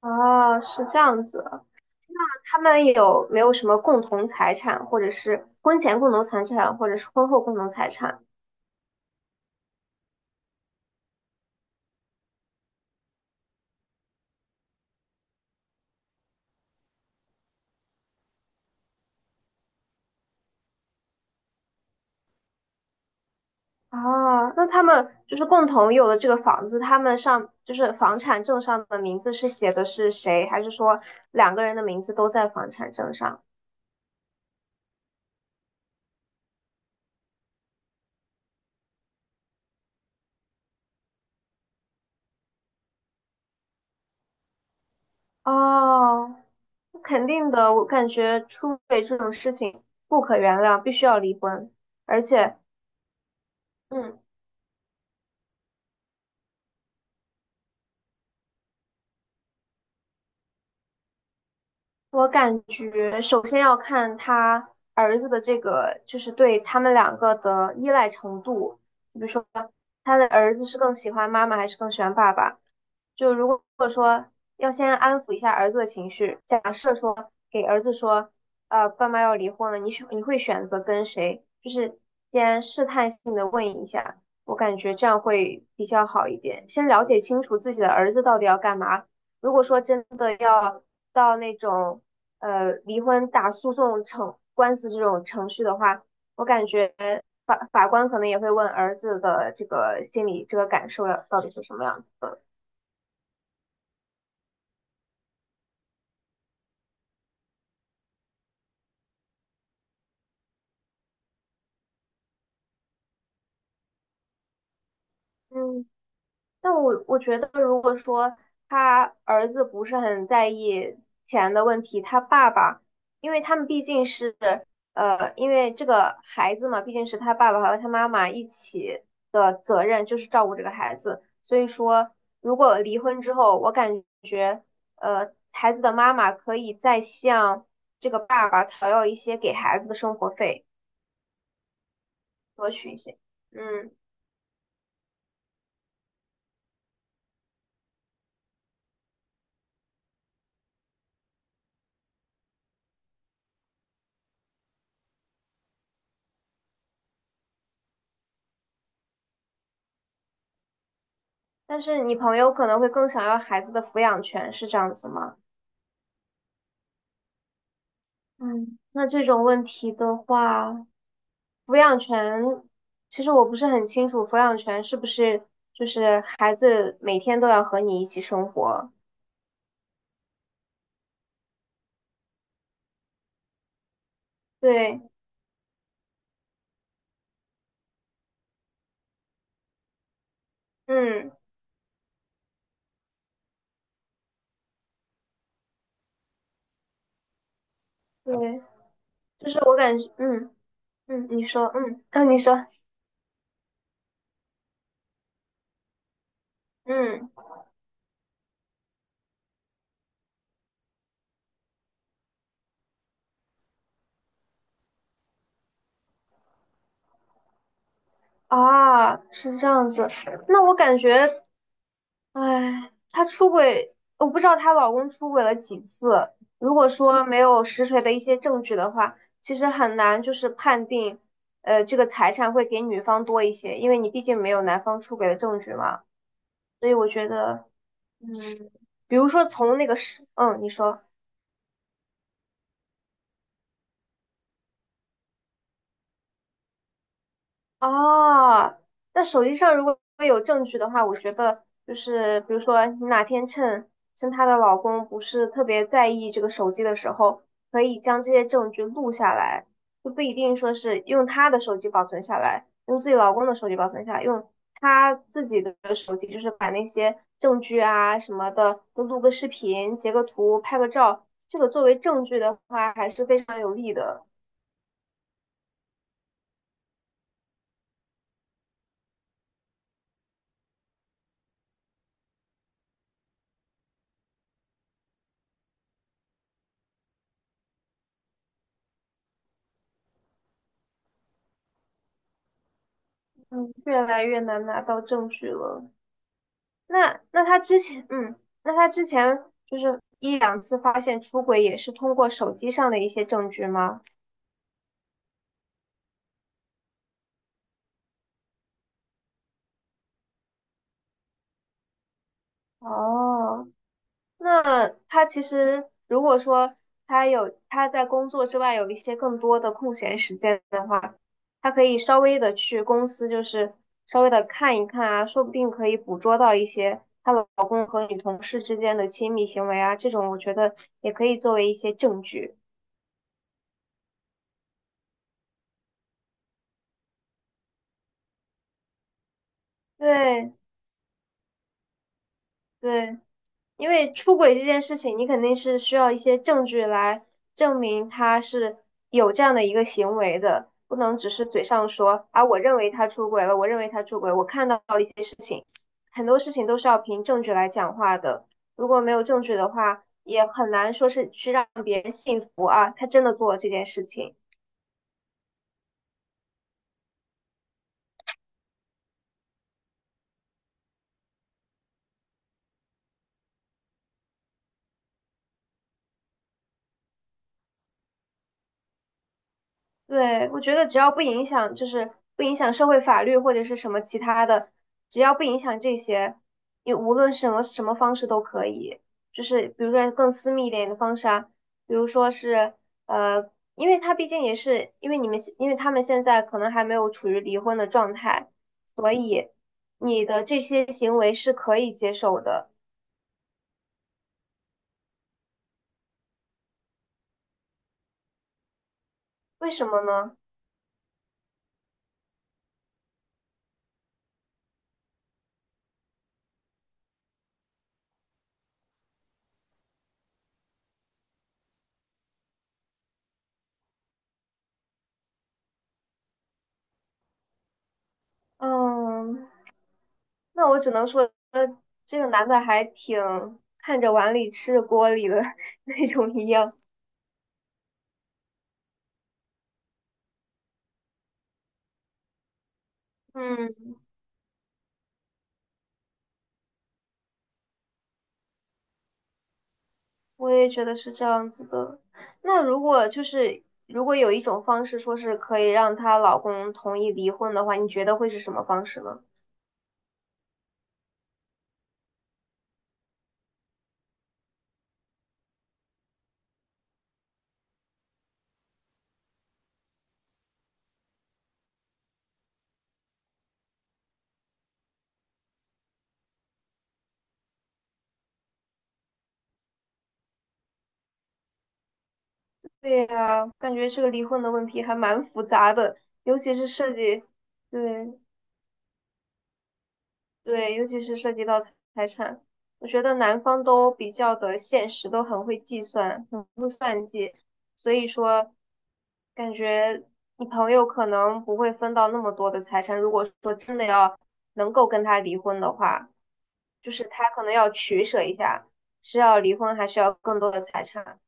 哦，是这样子。他们有没有什么共同财产，或者是婚前共同财产，或者是婚后共同财产？哦，那他们就是共同有的这个房子，他们上就是房产证上的名字是写的是谁，还是说两个人的名字都在房产证上？哦，肯定的，我感觉出轨这种事情不可原谅，必须要离婚。而且，嗯，我感觉首先要看他儿子的这个，就是对他们两个的依赖程度。比如说，他的儿子是更喜欢妈妈还是更喜欢爸爸？就如果说要先安抚一下儿子的情绪，假设说给儿子说，爸妈要离婚了，你选你会选择跟谁？就是先试探性的问一下，我感觉这样会比较好一点。先了解清楚自己的儿子到底要干嘛，如果说真的要到那种离婚打诉讼程官司这种程序的话，我感觉法官可能也会问儿子的这个心理这个感受要到底是什么样子的。嗯。但我觉得，如果说他儿子不是很在意钱的问题，他爸爸，因为他们毕竟是因为这个孩子嘛，毕竟是他爸爸和他妈妈一起的责任，就是照顾这个孩子。所以说，如果离婚之后，我感觉孩子的妈妈可以再向这个爸爸讨要一些给孩子的生活费，多取一些。嗯，但是你朋友可能会更想要孩子的抚养权，是这样子吗？嗯，那这种问题的话，抚养权，其实我不是很清楚，抚养权是不是就是孩子每天都要和你一起生活？对，嗯，对，就是我感觉，嗯嗯，你说，嗯，啊，你说，嗯，啊，是这样子，那我感觉。哎，她出轨，我不知道她老公出轨了几次。如果说没有实锤的一些证据的话，其实很难就是判定，这个财产会给女方多一些，因为你毕竟没有男方出轨的证据嘛。所以我觉得，嗯，比如说从那个是，嗯，你说。哦，那手机上如果有证据的话，我觉得就是比如说你哪天趁她的老公不是特别在意这个手机的时候，可以将这些证据录下来，就不一定说是用她的手机保存下来，用自己老公的手机保存下来，用她自己的手机，就是把那些证据啊什么的都录个视频、截个图、拍个照，这个作为证据的话还是非常有利的。嗯，越来越难拿到证据了。那他之前，嗯，那他之前就是一两次发现出轨，也是通过手机上的一些证据吗？哦，那他其实如果说他有他在工作之外有一些更多的空闲时间的话，他可以稍微的去公司，就是稍微的看一看啊，说不定可以捕捉到一些她老公和女同事之间的亲密行为啊，这种我觉得也可以作为一些证据。对对。因为出轨这件事情，你肯定是需要一些证据来证明他是有这样的一个行为的，不能只是嘴上说啊，我认为他出轨了，我认为他出轨，我看到了一些事情，很多事情都是要凭证据来讲话的。如果没有证据的话，也很难说是去让别人信服啊，他真的做了这件事情。对，我觉得只要不影响，就是不影响社会法律或者是什么其他的，只要不影响这些，你无论什么方式都可以。就是比如说更私密一点的方式啊，比如说是因为他毕竟也是因为你们，因为他们现在可能还没有处于离婚的状态，所以你的这些行为是可以接受的。为什么呢？嗯。那我只能说，呃，这个男的还挺看着碗里吃着锅里的 那种一样。嗯，我也觉得是这样子的。那如果就是如果有一种方式说是可以让她老公同意离婚的话，你觉得会是什么方式呢？对呀，感觉这个离婚的问题还蛮复杂的，尤其是涉及，对对，尤其是涉及到财产，我觉得男方都比较的现实，都很会计算。所以说，感觉你朋友可能不会分到那么多的财产。如果说真的要能够跟他离婚的话，就是他可能要取舍一下，是要离婚还是要更多的财产。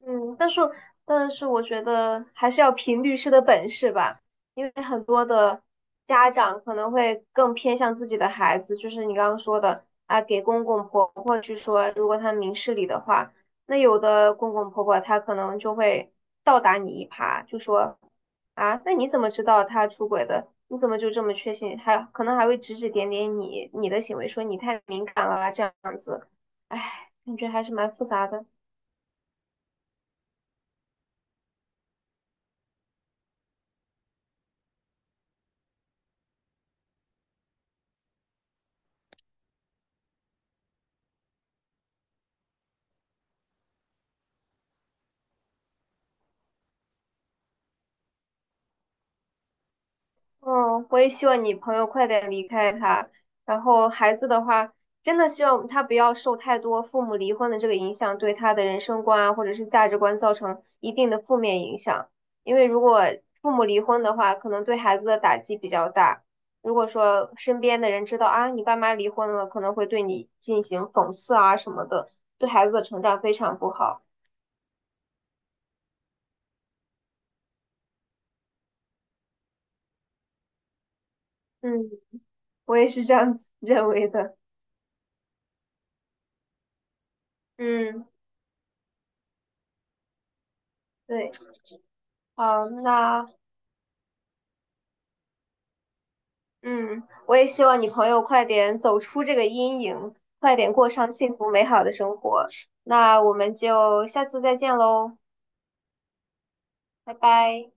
嗯，但是我觉得还是要凭律师的本事吧，因为很多的家长可能会更偏向自己的孩子，就是你刚刚说的啊，给公公婆婆去说，如果他明事理的话，那有的公公婆婆他可能就会倒打你一耙，就说啊，那你怎么知道他出轨的？你怎么就这么确信？还可能还会指指点点你的行为，说你太敏感了啊，这样子，哎，感觉还是蛮复杂的。嗯，我也希望你朋友快点离开他。然后孩子的话，真的希望他不要受太多父母离婚的这个影响，对他的人生观啊，或者是价值观造成一定的负面影响。因为如果父母离婚的话，可能对孩子的打击比较大。如果说身边的人知道啊，你爸妈离婚了，可能会对你进行讽刺啊什么的，对孩子的成长非常不好。嗯，我也是这样子 认为的。嗯，对，好，那。嗯，我也希望你朋友快点走出这个阴影，快点过上幸福美好的生活。那我们就下次再见喽，拜拜。